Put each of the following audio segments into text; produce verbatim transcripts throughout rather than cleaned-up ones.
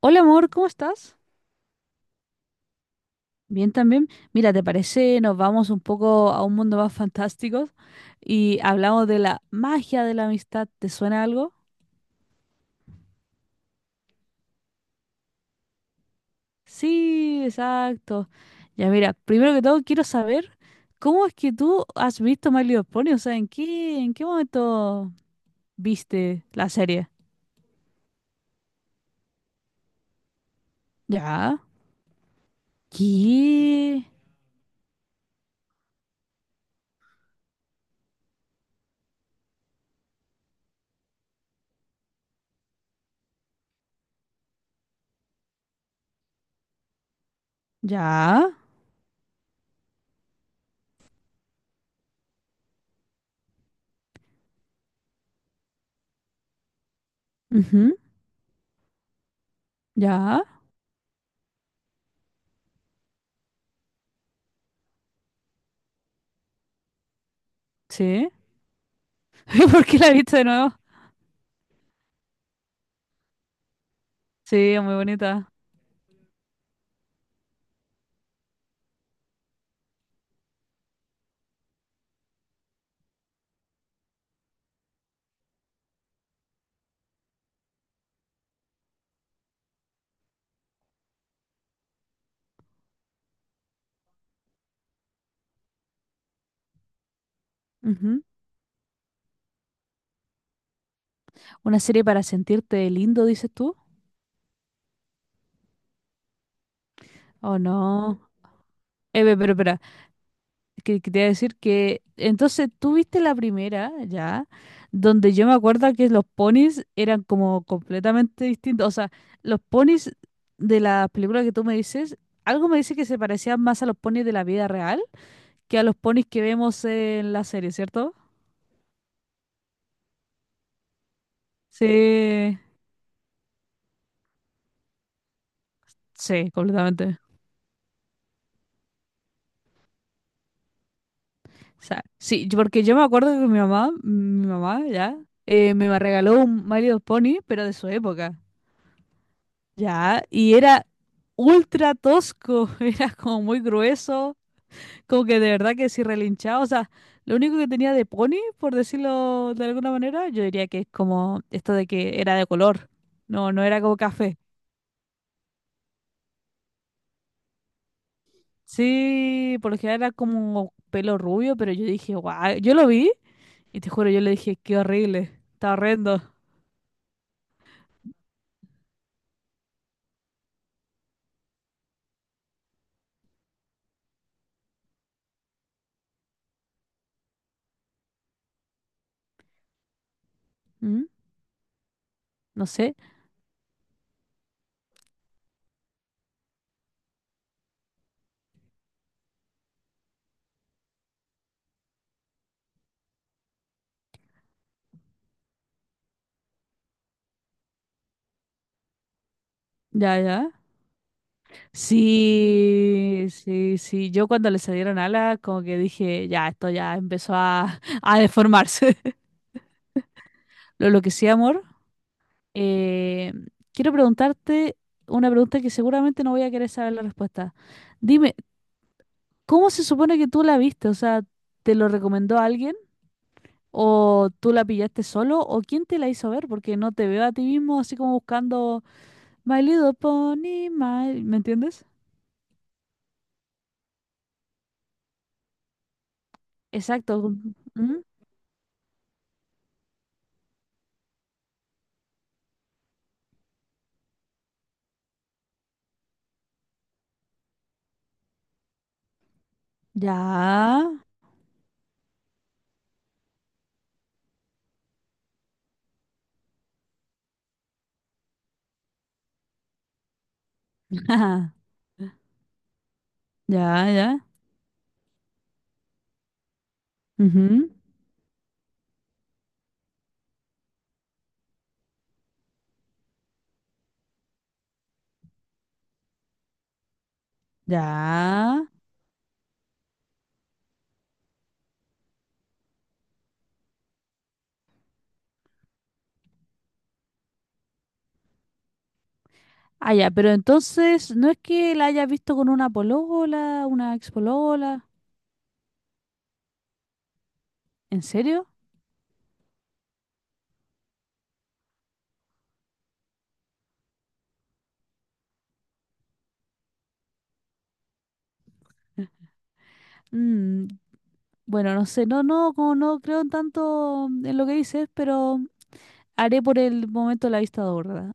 Hola amor, ¿cómo estás? Bien también. Mira, ¿te parece? Nos vamos un poco a un mundo más fantástico y hablamos de la magia de la amistad. ¿Te suena algo? Sí, exacto. Ya mira, primero que todo quiero saber cómo es que tú has visto My Little Pony, o sea, ¿en qué, en qué momento viste la serie? Ya. ¿Qué? Ya. Ujú. Ya. Sí. ¿Por qué la viste de nuevo? Sí, es muy bonita. ¿Una serie para sentirte lindo, dices tú? ¿O no? Eh, ve, pero espera, que quería decir que entonces tú viste la primera, ya, donde yo me acuerdo que los ponis eran como completamente distintos. O sea, los ponis de la película que tú me dices, algo me dice que se parecían más a los ponis de la vida real que a los ponis que vemos en la serie, ¿cierto? Sí, sí, completamente. O sea, sí, yo- porque yo me acuerdo que mi mamá, mi mamá ya, eh, me regaló un My Little Pony, pero de su época, ya, y era ultra tosco, era como muy grueso, como que de verdad que sí relinchaba, o sea, lo único que tenía de pony, por decirlo de alguna manera, yo diría que es como esto de que era de color, no, no era como café. Sí, por lo general era como pelo rubio, pero yo dije, guau, yo lo vi y te juro, yo le dije, qué horrible, está horrendo. ¿Mm? No sé, ya, ya. Sí, sí, sí. Yo cuando le salieron alas, como que dije, ya, esto ya empezó a, a deformarse. Lo, lo que sí, amor, eh, quiero preguntarte una pregunta que seguramente no voy a querer saber la respuesta. Dime, ¿cómo se supone que tú la viste? O sea, ¿te lo recomendó alguien? ¿O tú la pillaste solo? ¿O quién te la hizo ver? Porque no te veo a ti mismo así como buscando My Little Pony, my... ¿Me entiendes? Exacto. ¿Mm? Ya. Ajá, ya, ya. Ujú, ya. Ah, ya, pero entonces, ¿no es que la hayas visto con una polola, una ex? ¿En serio? Mm, bueno, no sé, no, no, como no creo en tanto en lo que dices, pero haré por el momento la vista gorda.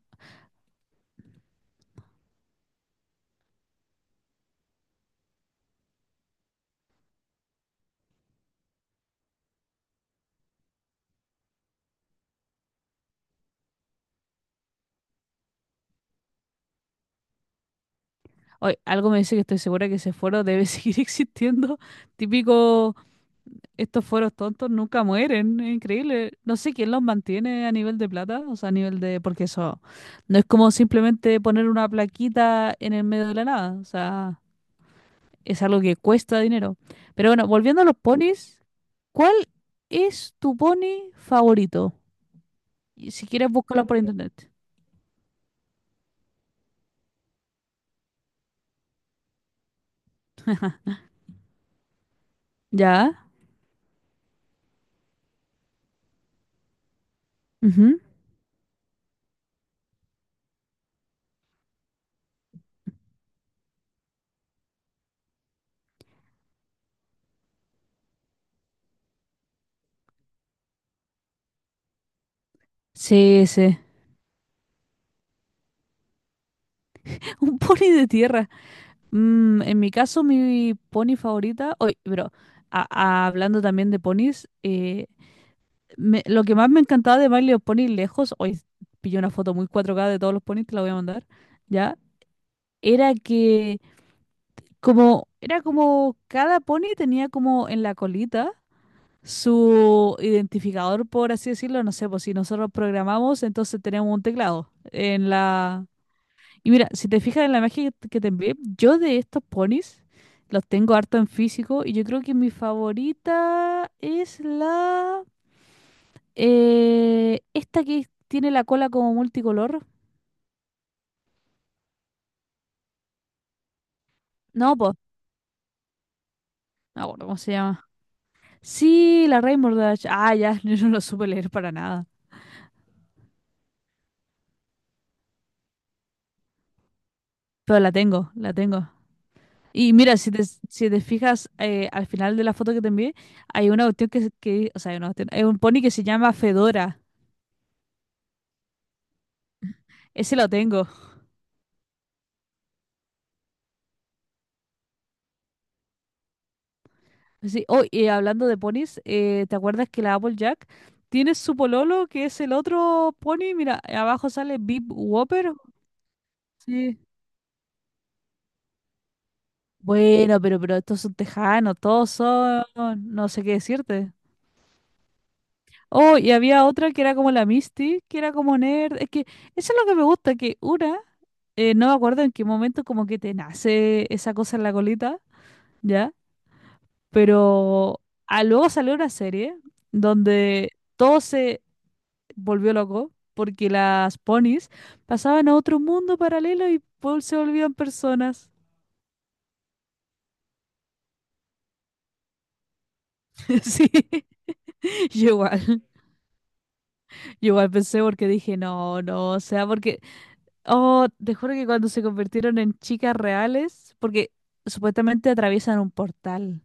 Hoy, algo me dice que estoy segura que ese foro debe seguir existiendo. Típico. Estos fueros tontos nunca mueren, es increíble. No sé quién los mantiene a nivel de plata, o sea, a nivel de... Porque eso no es como simplemente poner una plaquita en el medio de la nada, o sea, es algo que cuesta dinero. Pero bueno, volviendo a los ponis, ¿cuál es tu pony favorito? Y si quieres, búscalo por internet. ¿Ya? Ujú. Sí, sí. Un pony de tierra. Mm, en mi caso, mi pony favorita... Oye, pero... a- a- hablando también de ponis, eh, me- lo que más me encantaba de My los ponis lejos, hoy pillé una foto muy cuatro K de todos los ponis, te la voy a mandar, ¿ya? Era que como, era como cada pony tenía como en la colita su identificador, por así decirlo, no sé, pues si nosotros programamos, entonces tenemos un teclado en la... Y mira, si te fijas en la imagen que que te envié, yo de estos ponis los tengo harto en físico y yo creo que mi favorita es la... Eh, esta que tiene la cola como multicolor. No, pues, no me acuerdo cómo se llama. Sí, la Rainbow Dash. Ah, ya, yo no lo supe leer para nada. Pero la tengo, la tengo. Y mira, si te, si te fijas, eh, al final de la foto que te envié, hay una cuestión que, se- que- o sea, hay una cuestión- hay un pony que se llama Fedora. Ese lo tengo. Sí, oh, y hablando de ponis, eh, ¿te acuerdas que la Applejack tiene su pololo, que es el otro pony? Mira, abajo sale Bib Whopper. Sí. Bueno, pero, pero estos son tejanos, todos son, no sé qué decirte. Oh, y había otra que era como la Misty, que era como nerd. Es que eso es lo que me gusta, que una, eh, no me acuerdo en qué momento como que te nace esa cosa en la colita, ¿ya? Pero ah, luego salió una serie donde todo se volvió loco porque las ponis pasaban a otro mundo paralelo y Paul se volvían personas. Sí, yo igual. Yo igual pensé porque dije, no, no, o sea, porque, oh, te juro que cuando se convirtieron en chicas reales, porque supuestamente atraviesan un portal,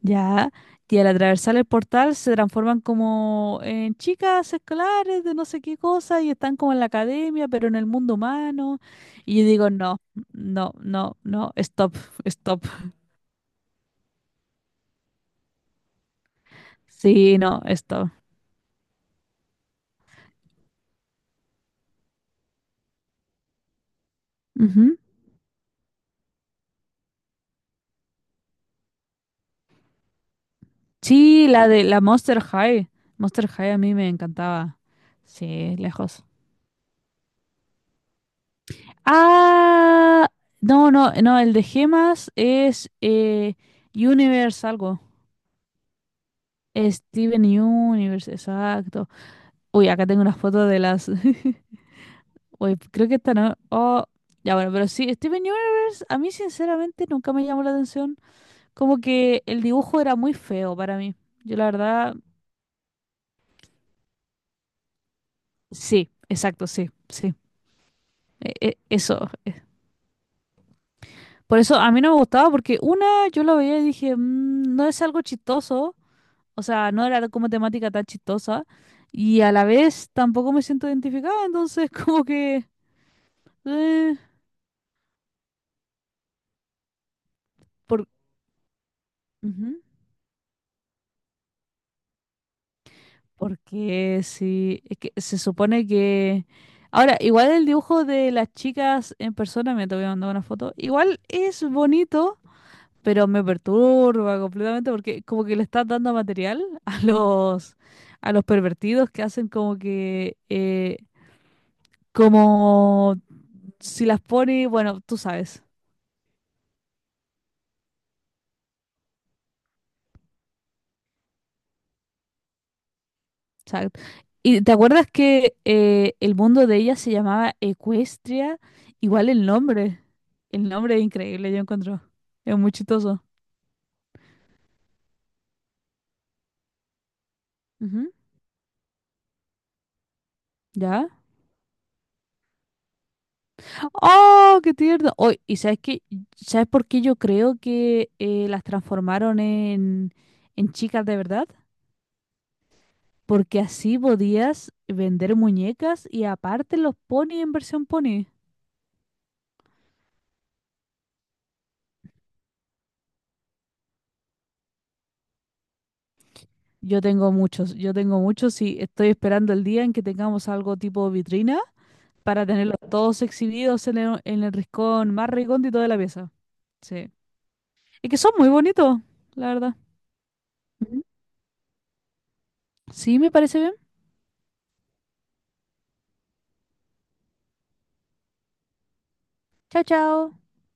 ¿ya? Y al atravesar el portal se transforman como en chicas escolares de no sé qué cosa y están como en la academia, pero en el mundo humano. Y yo digo, no, no, no, no, stop, stop. Sí, no, stop. Ujú. Sí, la de la Monster High. Monster High a mí me encantaba. Sí, lejos. Ah, no, no, no, el de gemas es eh, Universe algo. Steven Universe, exacto. Uy, acá tengo unas fotos de las... Uy, creo que esta no... Oh, ya bueno, pero sí, Steven Universe a mí sinceramente nunca me llamó la atención. Como que el dibujo era muy feo para mí. Yo la verdad, sí, exacto, sí, sí. E- e- Eso. eh, Por eso a mí no me gustaba porque una, yo lo veía y dije, "Mm, no es algo chistoso. O sea, no era como temática tan chistosa y a la vez tampoco me siento identificada, entonces como que... eh, por, ujú, porque sí, es que se supone que... Ahora, igual el dibujo de las chicas en persona, me te voy a mandar una foto, igual es bonito, pero me perturba completamente porque como que le estás dando material a los, a los pervertidos que hacen como que... eh, como si las pone, bueno, tú sabes. Exacto. ¿Y te acuerdas que eh, el mundo de ella se llamaba Ecuestria? Igual el nombre. El nombre es increíble, yo encuentro. Es muy chistoso. Ujú. ¿Ya? ¡Oh, qué tierno! Oh, ¿y sabes qué? ¿Sabes por qué yo creo que eh, las transformaron en, en chicas de verdad? Porque así podías vender muñecas y aparte los ponis en versión pony. Yo tengo muchos, yo tengo muchos y estoy esperando el día en que tengamos algo tipo vitrina para tenerlos todos exhibidos en el, en el rincón más recóndito de la pieza. Sí. Y que son muy bonitos, la verdad. Ujú. Sí, me parece bien. Chao, chao.